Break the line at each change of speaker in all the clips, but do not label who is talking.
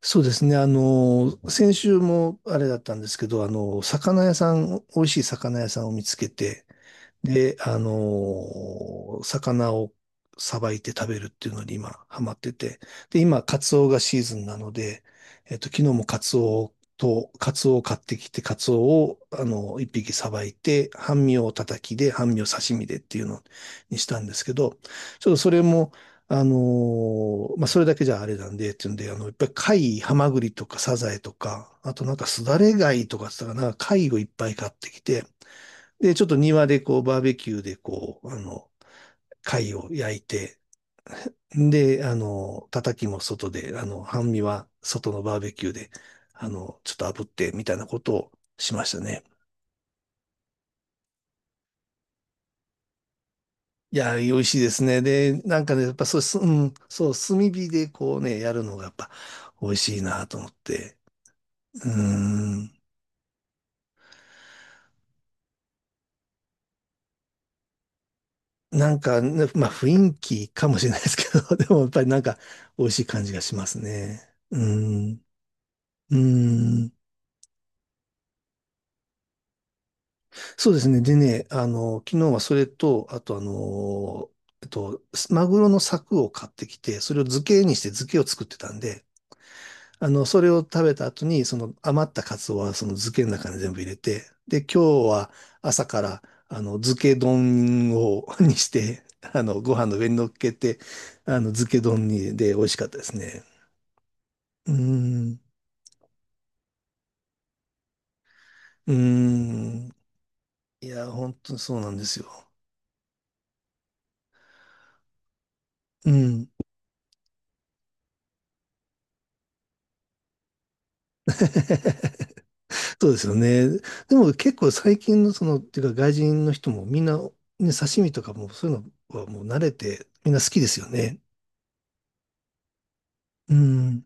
そうですね。先週もあれだったんですけど、魚屋さん、美味しい魚屋さんを見つけて、で、魚をさばいて食べるっていうのに今ハマってて、で、今、カツオがシーズンなので、昨日もカツオと、カツオを買ってきて、カツオを、一匹さばいて、半身を叩きで、半身を刺身でっていうのにしたんですけど、ちょっとそれも、まあ、それだけじゃあれなんで、っていうんで、いっぱい貝、ハマグリとかサザエとか、あとなんかすだれ貝とかって言ったかな、貝をいっぱい買ってきて、で、ちょっと庭でこう、バーベキューでこう、貝を焼いて、で、叩きも外で、半身は外のバーベキューで、ちょっと炙って、みたいなことをしましたね。いや、美味しいですね。で、なんかね、やっぱそう、すうん、そう、炭火でこうね、やるのがやっぱ美味しいなと思って。うーん。なんかね、まあ雰囲気かもしれないですけど、でもやっぱりなんか美味しい感じがしますね。うーん。うーん。そうですね。でね、昨日はそれと、あとあの、えっと、マグロの柵を買ってきて、それを漬けにして漬けを作ってたんで、それを食べた後に、その余ったカツオはその漬けの中に全部入れて、で、今日は朝から、漬け丼を にして、ご飯の上に乗っけて、漬け丼に、で、美味しかったですね。うーん。うーん。いや、本当にそうなんですよ。うん。そうですよね。でも結構最近のその、っていうか外人の人もみんな、ね、刺身とかもそういうのはもう慣れて、みんな好きですよね。うん。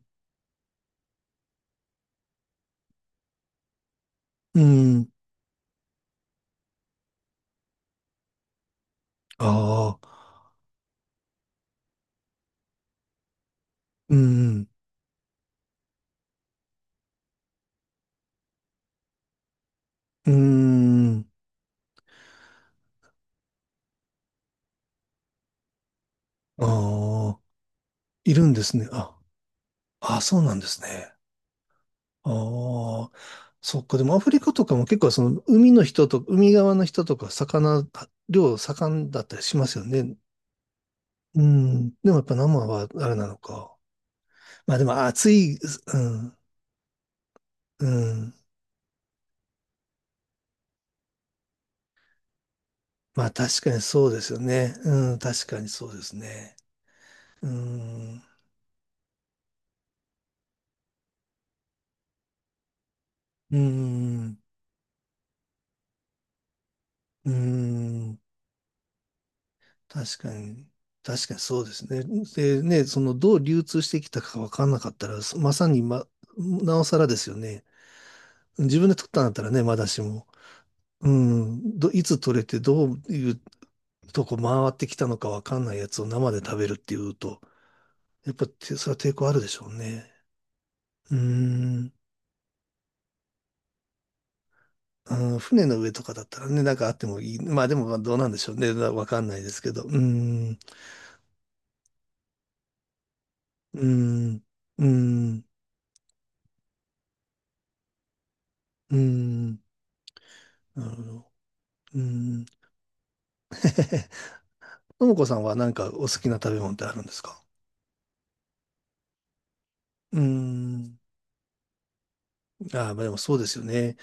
うん。ああ。うん。うん。ああ、いるんですね。そうなんですね。ああ、そっか。でもアフリカとかも結構その海の人と、海側の人とか魚、量盛んだったりしますよね。うん。でもやっぱ生はあれなのか。まあでも暑い、うん、うん。まあ確かにそうですよね。うん、確かにそうですね。うん。うん。うん。確かに、確かにそうですね。でね、そのどう流通してきたか分かんなかったら、まさに、ま、なおさらですよね。自分で取ったんだったらね、まだしも。うん、ど、いつ取れてどういうとこ回ってきたのか分かんないやつを生で食べるっていうと、やっぱてそれは抵抗あるでしょうね。うん。うん、船の上とかだったらね、なんかあってもいい。まあでもまあどうなんでしょうね。わかんないですけど。うーん。うーん。うーん。うーん。なるほど。うーん。ともこさんはなんかお好きな食べ物ってあるんですか？うーん。ああ、まあでもそうですよね。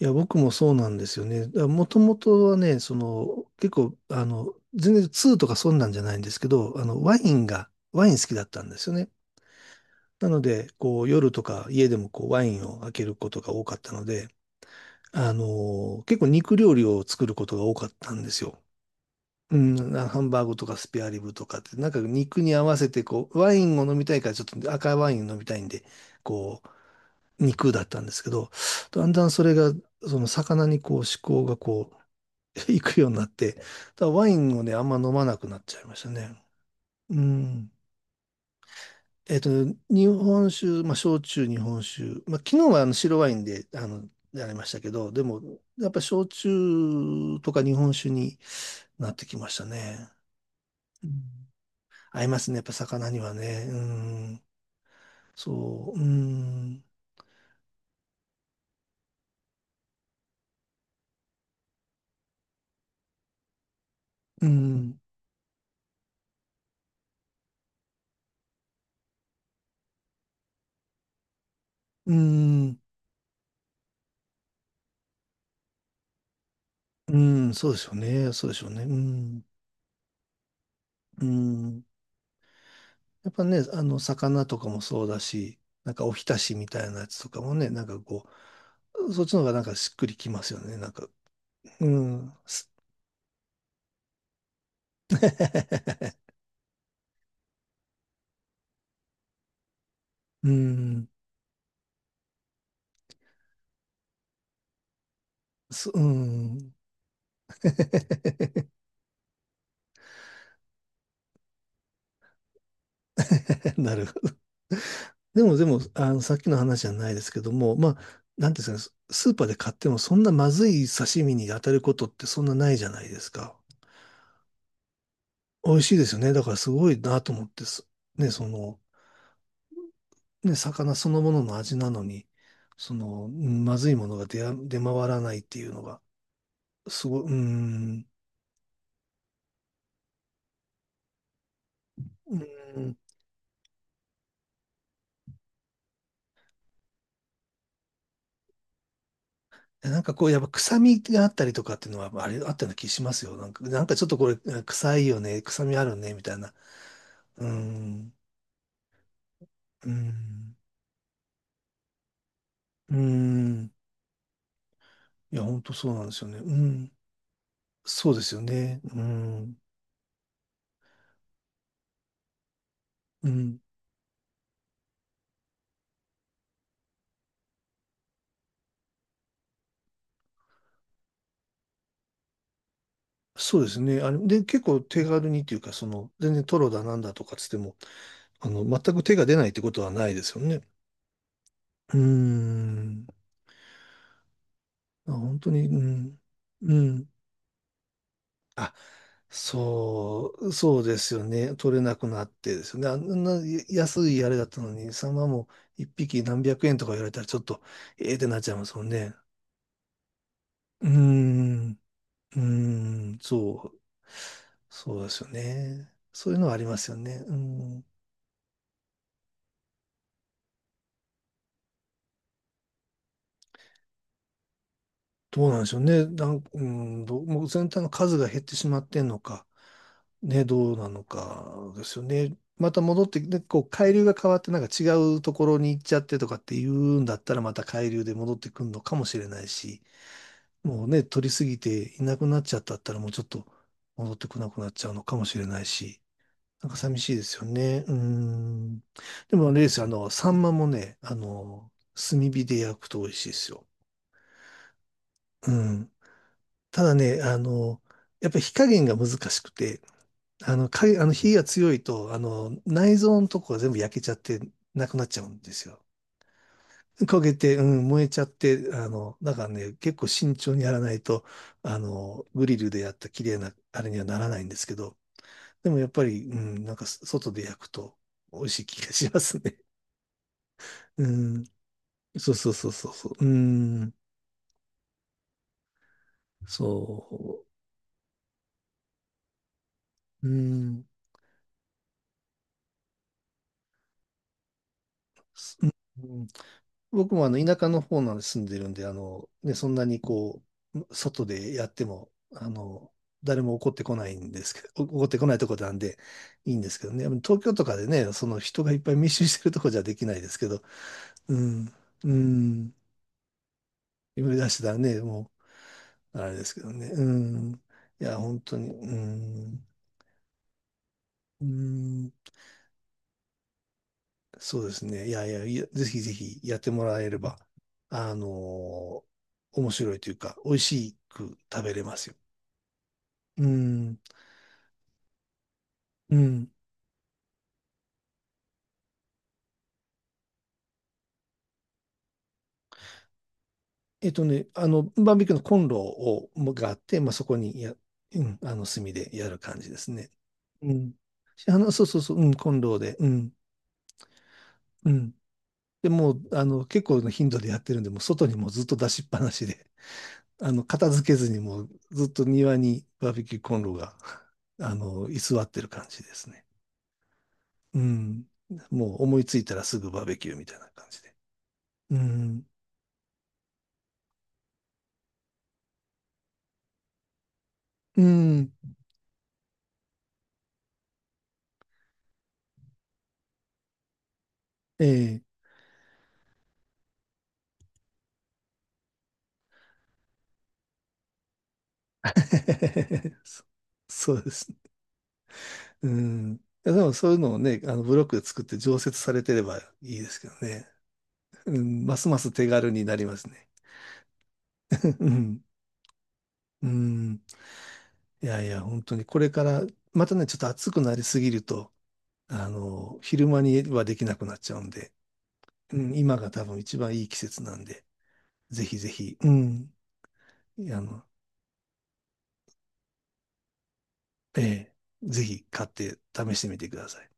いや、僕もそうなんですよね。もともとはね、その、結構、全然2とかそんなんじゃないんですけど、ワイン好きだったんですよね。なので、こう、夜とか家でもこう、ワインを開けることが多かったので、結構肉料理を作ることが多かったんですよ。うん、なハンバーグとかスペアリブとかって、なんか肉に合わせて、こう、ワインを飲みたいからちょっと赤ワインを飲みたいんで、こう、肉だったんですけど、だんだんそれが、その魚にこう、思考がこう、いくようになって、だからワインをね、あんま飲まなくなっちゃいましたね。うん。えっと、日本酒、まあ、焼酎、日本酒。まあ、昨日はあの白ワインで、やりましたけど、でも、やっぱり焼酎とか日本酒になってきましたね。うん、合いますね、やっぱ魚にはね。うん。そう、うん。うん。うん。うん。そうでしょうね。そうでしょうね。うん。うん。やっぱね、魚とかもそうだし、なんかお浸しみたいなやつとかもね、なんかこう、そっちの方がなんかしっくりきますよね。なんか、うん。す うん。すうん。なるほど。でも、でも、さっきの話じゃないですけども、まあ、なんていうんですかね、ススーパーで買ってもそんなまずい刺身に当たることってそんなないじゃないですか。美味しいですよね。だからすごいなと思ってす、ね、その、ね、魚そのものの味なのに、その、うんまずいものが出や、出回らないっていうのが、すごい、うーん、うーなんかこう、やっぱ臭みがあったりとかっていうのは、まあれ、あったような気しますよ。なんか、なんかちょっとこれ、臭いよね、臭みあるね、みたいな。うーん。うーん。うーん。いや、本当そうなんですよね。うん。そうですよね。うん。うん。そうですね。あれ、で、結構手軽にっていうか、その、全然トロだなんだとかつっても、全く手が出ないってことはないですよね。うーん。あ、本当に、うん。うん。あそう、そうですよね。取れなくなってですよね。あんな安いあれだったのに、サンマも一匹何百円とか言われたらちょっと、ええってなっちゃいますもんね。うーん。うーん。そう、そうですよね。そういうのはありますよね。うん、どうなんでしょうね。なん、うん、どう、もう全体の数が減ってしまってんのか、ね、どうなのかですよね。また戻って、で、こう、海流が変わってなんか違うところに行っちゃってとかっていうんだったら、また海流で戻ってくるのかもしれないし、もうね、取りすぎていなくなっちゃったったら、もうちょっと戻ってこなくなっちゃうのかもしれないし、なんか寂しいですよね。うん。でもあれですよ、サンマもね、炭火で焼くと美味しいですよ。うん。ただね、やっぱり火加減が難しくて、あの火が強いと、内臓のとこが全部焼けちゃってなくなっちゃうんですよ。焦げて、うん、燃えちゃって、だからね、結構慎重にやらないと、グリルでやった綺麗な、あれにはならないんですけど、でもやっぱり、うん、なんか外で焼くと美味しい気がしますね。うん、そうそうそうそうそう、うん、そう、うん、すうん、僕もあの田舎の方なんで住んでるんで、ね、そんなにこう、外でやっても、誰も怒ってこないんですけど、怒ってこないとこなんでいいんですけどね。東京とかでね、その人がいっぱい密集してるとこじゃできないですけど、うん、うん、今出してたらね、もう、あれですけどね、うん、いや、本当に、うん、うん、そうですね。いやいや、いやぜひぜひやってもらえれば、あの、面白いというか、美味しく食べれますよ。うん。うん。バーベキューのコンロを、もがあって、まあ、そこにや、うん、炭でやる感じですね。うん。そうそうそう、うん、コンロで、うん、うん。でもう、結構の頻度でやってるんで、もう外にもうずっと出しっぱなしで、片付けずにもうずっと庭にバーベキューコンロが、居座ってる感じですね。うん。もう思いついたらすぐバーベキューみたいな感じで。うん。うん。ええ そそうですね。うん。いやでもそういうのをね、あのブロックで作って常設されてればいいですけどね。うん、ますます手軽になりますね。うん。うん。いやいや、本当にこれから、またね、ちょっと暑くなりすぎると、昼間にはできなくなっちゃうんで、うん、今が多分一番いい季節なんで、ぜひぜひ、うん。あの、ええ、ぜひ買って試してみてください。